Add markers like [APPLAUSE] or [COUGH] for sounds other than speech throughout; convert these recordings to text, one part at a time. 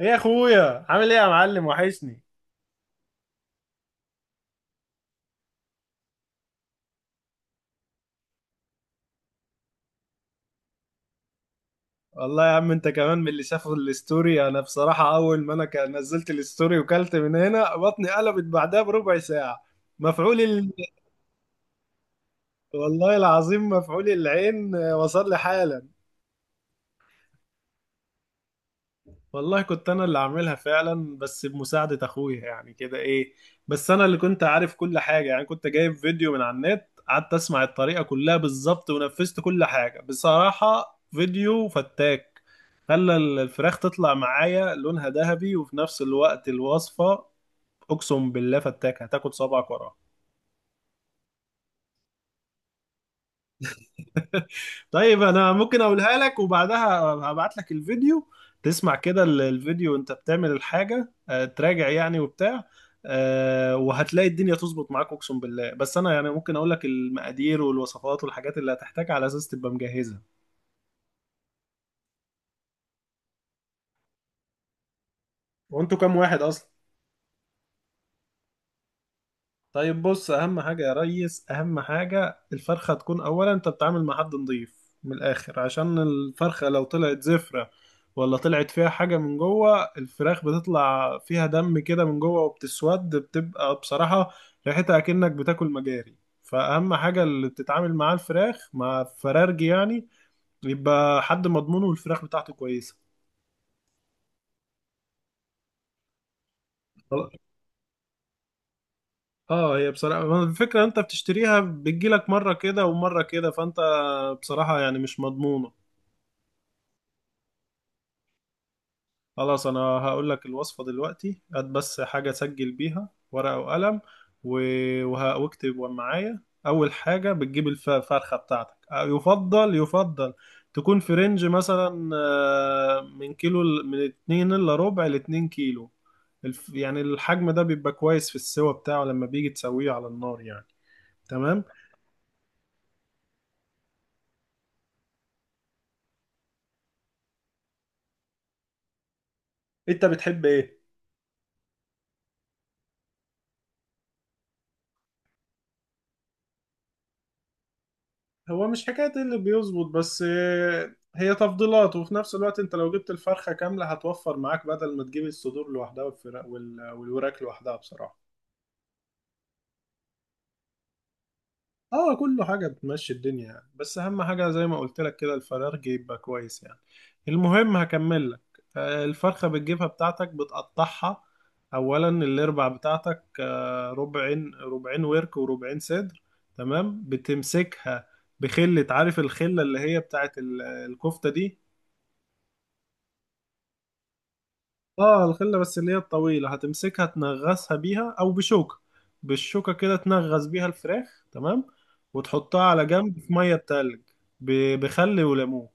ايه يا اخويا، عامل ايه يا معلم، وحشني. والله يا عم، انت كمان من اللي شافوا الستوري. انا بصراحة اول ما نزلت الستوري وكلت من هنا بطني قلبت بعدها بربع ساعة. مفعول ال... والله العظيم مفعول العين، وصل لي حالة. والله كنت انا اللي عاملها فعلا، بس بمساعدة اخويا يعني كده ايه. بس انا اللي كنت عارف كل حاجة، يعني كنت جايب فيديو من على النت، قعدت اسمع الطريقة كلها بالظبط ونفذت كل حاجة. بصراحة فيديو فتاك، خلى الفراخ تطلع معايا لونها ذهبي وفي نفس الوقت الوصفة. اقسم بالله فتاك، هتاكل صبعك وراها. [LAUGHS] طيب انا ممكن اقولها لك وبعدها هبعت لك الفيديو، تسمع كده الفيديو وانت بتعمل الحاجة، تراجع يعني وبتاع. وهتلاقي الدنيا تظبط معاك اقسم بالله. بس انا يعني ممكن اقول لك المقادير والوصفات والحاجات اللي هتحتاجها على اساس تبقى مجهزة. وانتوا كام واحد اصلا؟ طيب بص، اهم حاجه يا ريس، اهم حاجه الفرخه تكون. اولا انت بتتعامل مع حد نظيف من الاخر، عشان الفرخه لو طلعت زفره ولا طلعت فيها حاجه من جوه، الفراخ بتطلع فيها دم كده من جوه وبتسود، بتبقى بصراحه ريحتها اكنك بتاكل مجاري. فاهم؟ حاجه اللي بتتعامل معاه الفراخ، مع فرارجي يعني، يبقى حد مضمونه والفراخ بتاعته كويسه. اه، هي بصراحه ما الفكره انت بتشتريها بتجيلك مره كده ومره كده، فانت بصراحه يعني مش مضمون. خلاص انا هقول لك الوصفة دلوقتي، هات بس حاجة سجل بيها، ورقة وقلم. واكتب معايا. اول حاجة بتجيب الفرخة بتاعتك، يفضل يفضل تكون في رينج مثلا من كيلو، من اتنين الا ربع لاتنين كيلو. يعني الحجم ده بيبقى كويس في السوا بتاعه لما بيجي تسويه على النار يعني. تمام. انت بتحب ايه؟ هو مش حكاية إيه اللي بيظبط بس، هي تفضيلات. وفي نفس الوقت انت لو جبت الفرخة كاملة هتوفر معاك، بدل ما تجيب الصدور لوحدها والفراخ والوراك لوحدها بصراحة. اه كله حاجة بتمشي الدنيا يعني، بس اهم حاجة زي ما قلت لك كده الفراخ يبقى كويس يعني. المهم هكمل لك. الفرخة بتجيبها بتاعتك بتقطعها اولا، الاربع بتاعتك ربعين ربعين، ورك وربعين صدر. تمام. بتمسكها بخلة، عارف الخلة اللي هي بتاعت الكفتة دي؟ اه، الخلة بس اللي هي الطويلة، هتمسكها تنغصها بيها او بشوكة. بالشوكة كده تنغص بيها الفراخ. تمام. وتحطها على جنب في مية تلج بخل وليمون.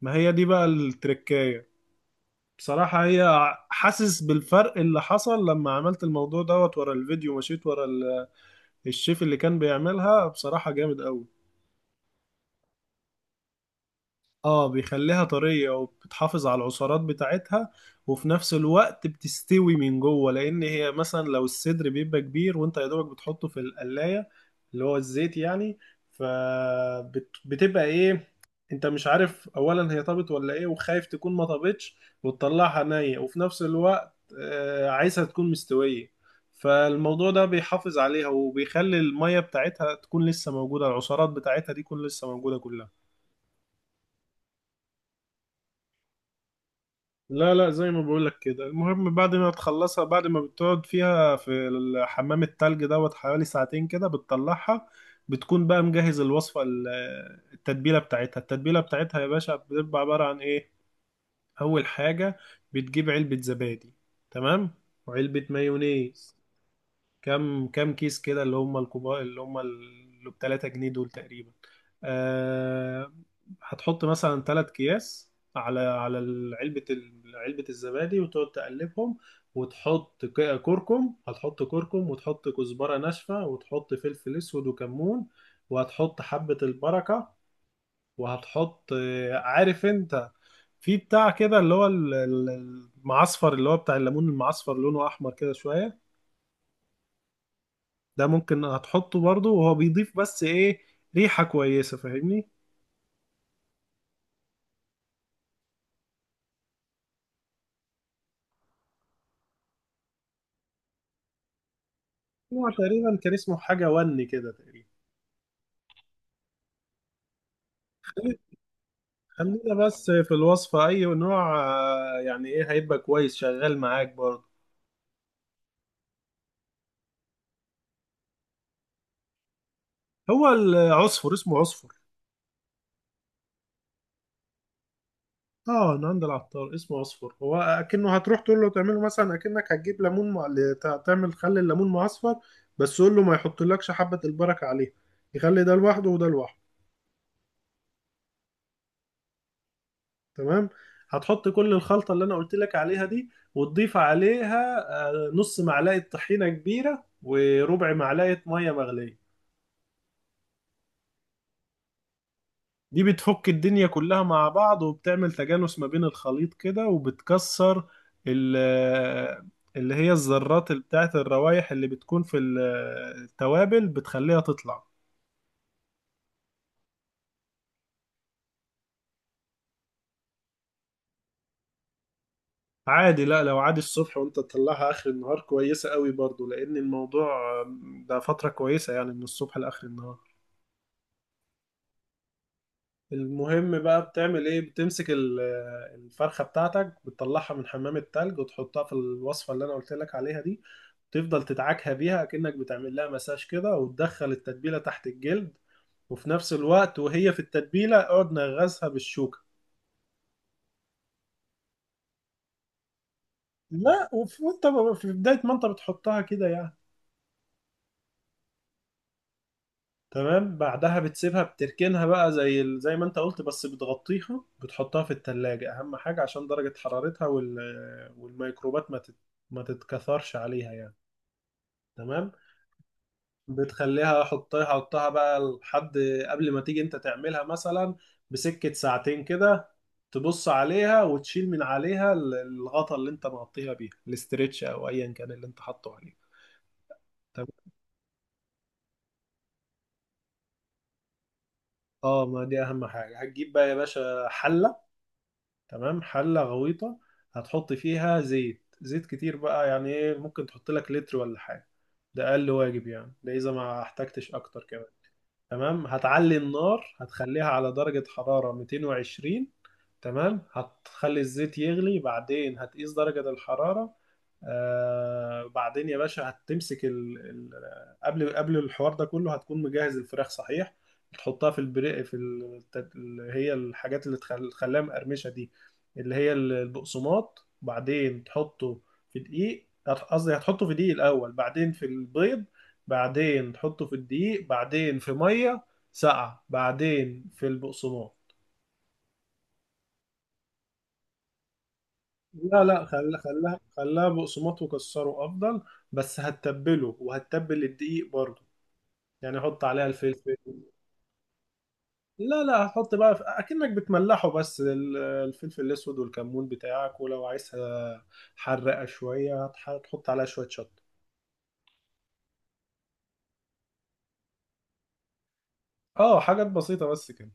ما هي دي بقى التركاية. بصراحة هي حاسس بالفرق اللي حصل لما عملت الموضوع دوت. ورا الفيديو، مشيت ورا الشيف اللي كان بيعملها، بصراحة جامد قوي. اه بيخليها طرية وبتحافظ على العصارات بتاعتها، وفي نفس الوقت بتستوي من جوه. لان هي مثلا لو الصدر بيبقى كبير وانت يا دوبك بتحطه في القلاية، اللي هو الزيت يعني، فبتبقى ايه، انت مش عارف اولا هي طابت ولا ايه، وخايف تكون ما طابتش وتطلعها نية. وفي نفس الوقت عايزها تكون مستوية. فالموضوع ده بيحافظ عليها، وبيخلي المية بتاعتها تكون لسه موجودة، العصارات بتاعتها دي تكون لسه موجودة كلها. لا لا، زي ما بقولك كده. المهم بعد ما تخلصها، بعد ما بتقعد فيها في الحمام، التلج دوت حوالي ساعتين كده بتطلعها. بتكون بقى مجهز الوصفة، التتبيلة بتاعتها. التتبيلة بتاعتها يا باشا بتبقى عبارة عن ايه؟ أول حاجة بتجيب علبة زبادي. تمام. وعلبة مايونيز. كام كيس كده؟ اللي هم الكبار اللي هم اللي ب 3 جنيه دول تقريبا. أه. هتحط مثلا 3 اكياس على علبة علبة الزبادي، وتقعد تقلبهم. وتحط كركم هتحط كركم، وتحط كزبرة ناشفة، وتحط فلفل اسود وكمون، وهتحط حبة البركة. وهتحط عارف انت في بتاع كده اللي هو المعصفر اللي هو بتاع الليمون المعصفر، لونه احمر كده شوية. ده ممكن هتحطه برضه، وهو بيضيف بس ايه؟ ريحة كويسة. فاهمني؟ نوع تقريبا كان اسمه حاجة وني كده تقريبا. خلينا بس في الوصفة، أي نوع يعني إيه هيبقى كويس شغال معاك برضه. هو العصفر اسمه عصفر. اه، أنا عند العطار اسمه عصفر. هو أكنه هتروح تقول له تعمله، مثلا أكنك هتجيب ليمون تعمل خل الليمون معصفر. بس قول له ما يحطلكش حبة البركة عليه، يخلي ده لوحده وده لوحده. تمام. هتحط كل الخلطة اللي أنا قلت لك عليها دي وتضيف عليها نص معلقة طحينة كبيرة وربع معلقة مية مغلية. دي بتفك الدنيا كلها مع بعض، وبتعمل تجانس ما بين الخليط كده، وبتكسر ال- آه، اللي هي الذرات بتاعت الروايح اللي بتكون في التوابل بتخليها تطلع. عادي. لا، لو عادي الصبح وانت تطلعها اخر النهار كويسة قوي برضو. لان الموضوع آه، ده فترة كويسة يعني، من الصبح لاخر النهار. المهم بقى بتعمل ايه، بتمسك الفرخة بتاعتك بتطلعها من حمام التلج، وتحطها في الوصفة اللي انا قلت لك عليها دي. تفضل تدعكها بيها كأنك بتعمل لها مساج كده، وتدخل التتبيلة تحت الجلد. وفي نفس الوقت وهي في التتبيلة، اقعد نغزها بالشوكة. لا، في بداية ما انت بتحطها كده يعني. تمام. بعدها بتسيبها، بتركنها بقى زي زي ما انت قلت. بس بتغطيها، بتحطها في التلاجة اهم حاجة، عشان درجة حرارتها والميكروبات ما تتكثرش عليها يعني. تمام. بتخليها، حطها حطها بقى لحد قبل ما تيجي انت تعملها مثلا بسكة ساعتين كده، تبص عليها، وتشيل من عليها الغطا اللي انت مغطيها بيها الاسترتش، او ايا كان اللي انت حاطه عليه. تمام. اه، ما دي اهم حاجة. هتجيب بقى يا باشا حلة. تمام، حلة غويطة. هتحط فيها زيت، زيت كتير بقى، يعني ايه ممكن تحط لك لتر ولا حاجة. ده أقل واجب يعني، ده إذا ما احتجتش أكتر كمان. تمام. هتعلي النار، هتخليها على درجة حرارة 220. تمام. هتخلي الزيت يغلي، بعدين هتقيس درجة الحرارة. آه، بعدين يا باشا هتمسك قبل الحوار ده كله هتكون مجهز الفراخ صحيح. تحطها في البري، في اللي هي الحاجات اللي خلاها مقرمشه دي، اللي هي البقسماط بعدين تحطه في دقيق، قصدي هتحطه في دقيق الاول، بعدين في البيض، بعدين تحطه في الدقيق، بعدين في ميه ساقعه، بعدين في البقسماط. لا لا، خلى خلى خلاها بقسماط وكسره افضل. بس هتتبله، وهتتبل الدقيق برضه. يعني حط عليها الفلفل. لا لا، هتحط بقى في اكنك بتملحه بس، الفلفل الاسود والكمون بتاعك. ولو عايزها حرقه شويه هتحط عليها شويه شطه. اه حاجات بسيطه بس كده.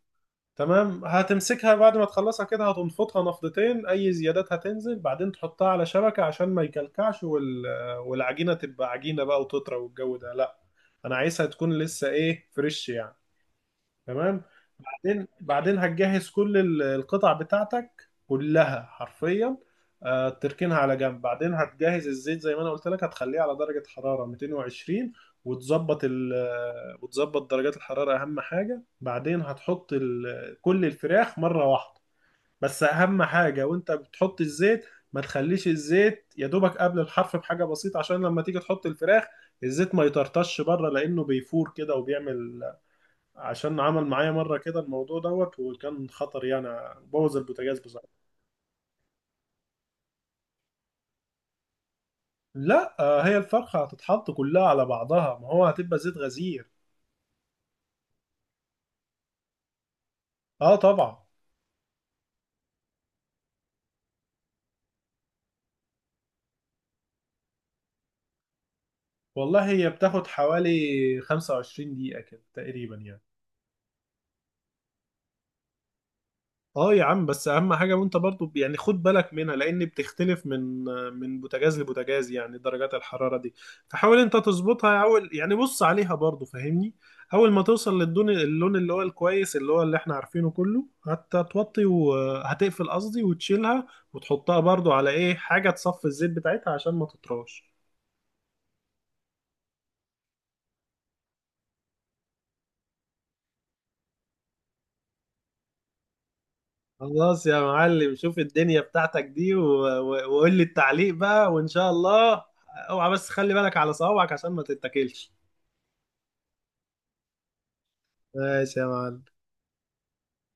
تمام. هتمسكها بعد ما تخلصها كده، هتنفطها نفضتين، اي زيادات هتنزل. بعدين تحطها على شبكة عشان ما يكلكعش، والعجينة تبقى عجينة بقى وتطرى والجو ده. لا، انا عايزها تكون لسه ايه، فريش يعني. تمام. بعدين هتجهز كل القطع بتاعتك كلها حرفيا. تركنها على جنب. بعدين هتجهز الزيت زي ما انا قلت لك، هتخليه على درجة حرارة 220، وتظبط ال آه، وتظبط درجات الحرارة أهم حاجة. بعدين هتحط كل الفراخ مرة واحدة. بس أهم حاجة وأنت بتحط الزيت، ما تخليش الزيت يا دوبك قبل الحرف بحاجة بسيطة، عشان لما تيجي تحط الفراخ الزيت ما يطرطش بره، لأنه بيفور كده وبيعمل. عشان عمل معايا مرة كده الموضوع دوت، وكان خطر يعني، بوظ البوتاجاز بصراحة. لا، هي الفرخة هتتحط كلها على بعضها، ما هو هتبقى زيت غزير. اه طبعا. والله هي بتاخد حوالي 25 دقيقة كده تقريبا يعني. اه يا عم، بس اهم حاجه وانت برضو يعني خد بالك منها، لان بتختلف من بوتاجاز لبوتاجاز يعني، درجات الحراره دي. فحاول انت تظبطها اول، يعني بص عليها برضو، فاهمني؟ اول ما توصل للدون اللون اللي هو الكويس اللي هو اللي احنا عارفينه كله، هتوطي وهتقفل قصدي، وتشيلها، وتحطها برضو على ايه حاجه تصفي الزيت بتاعتها عشان ما تطراش. خلاص يا معلم، شوف الدنيا بتاعتك دي وقول لي التعليق بقى، وان شاء الله. اوعى بس خلي بالك على صوابعك عشان ما تتاكلش. ماشي يا معلم.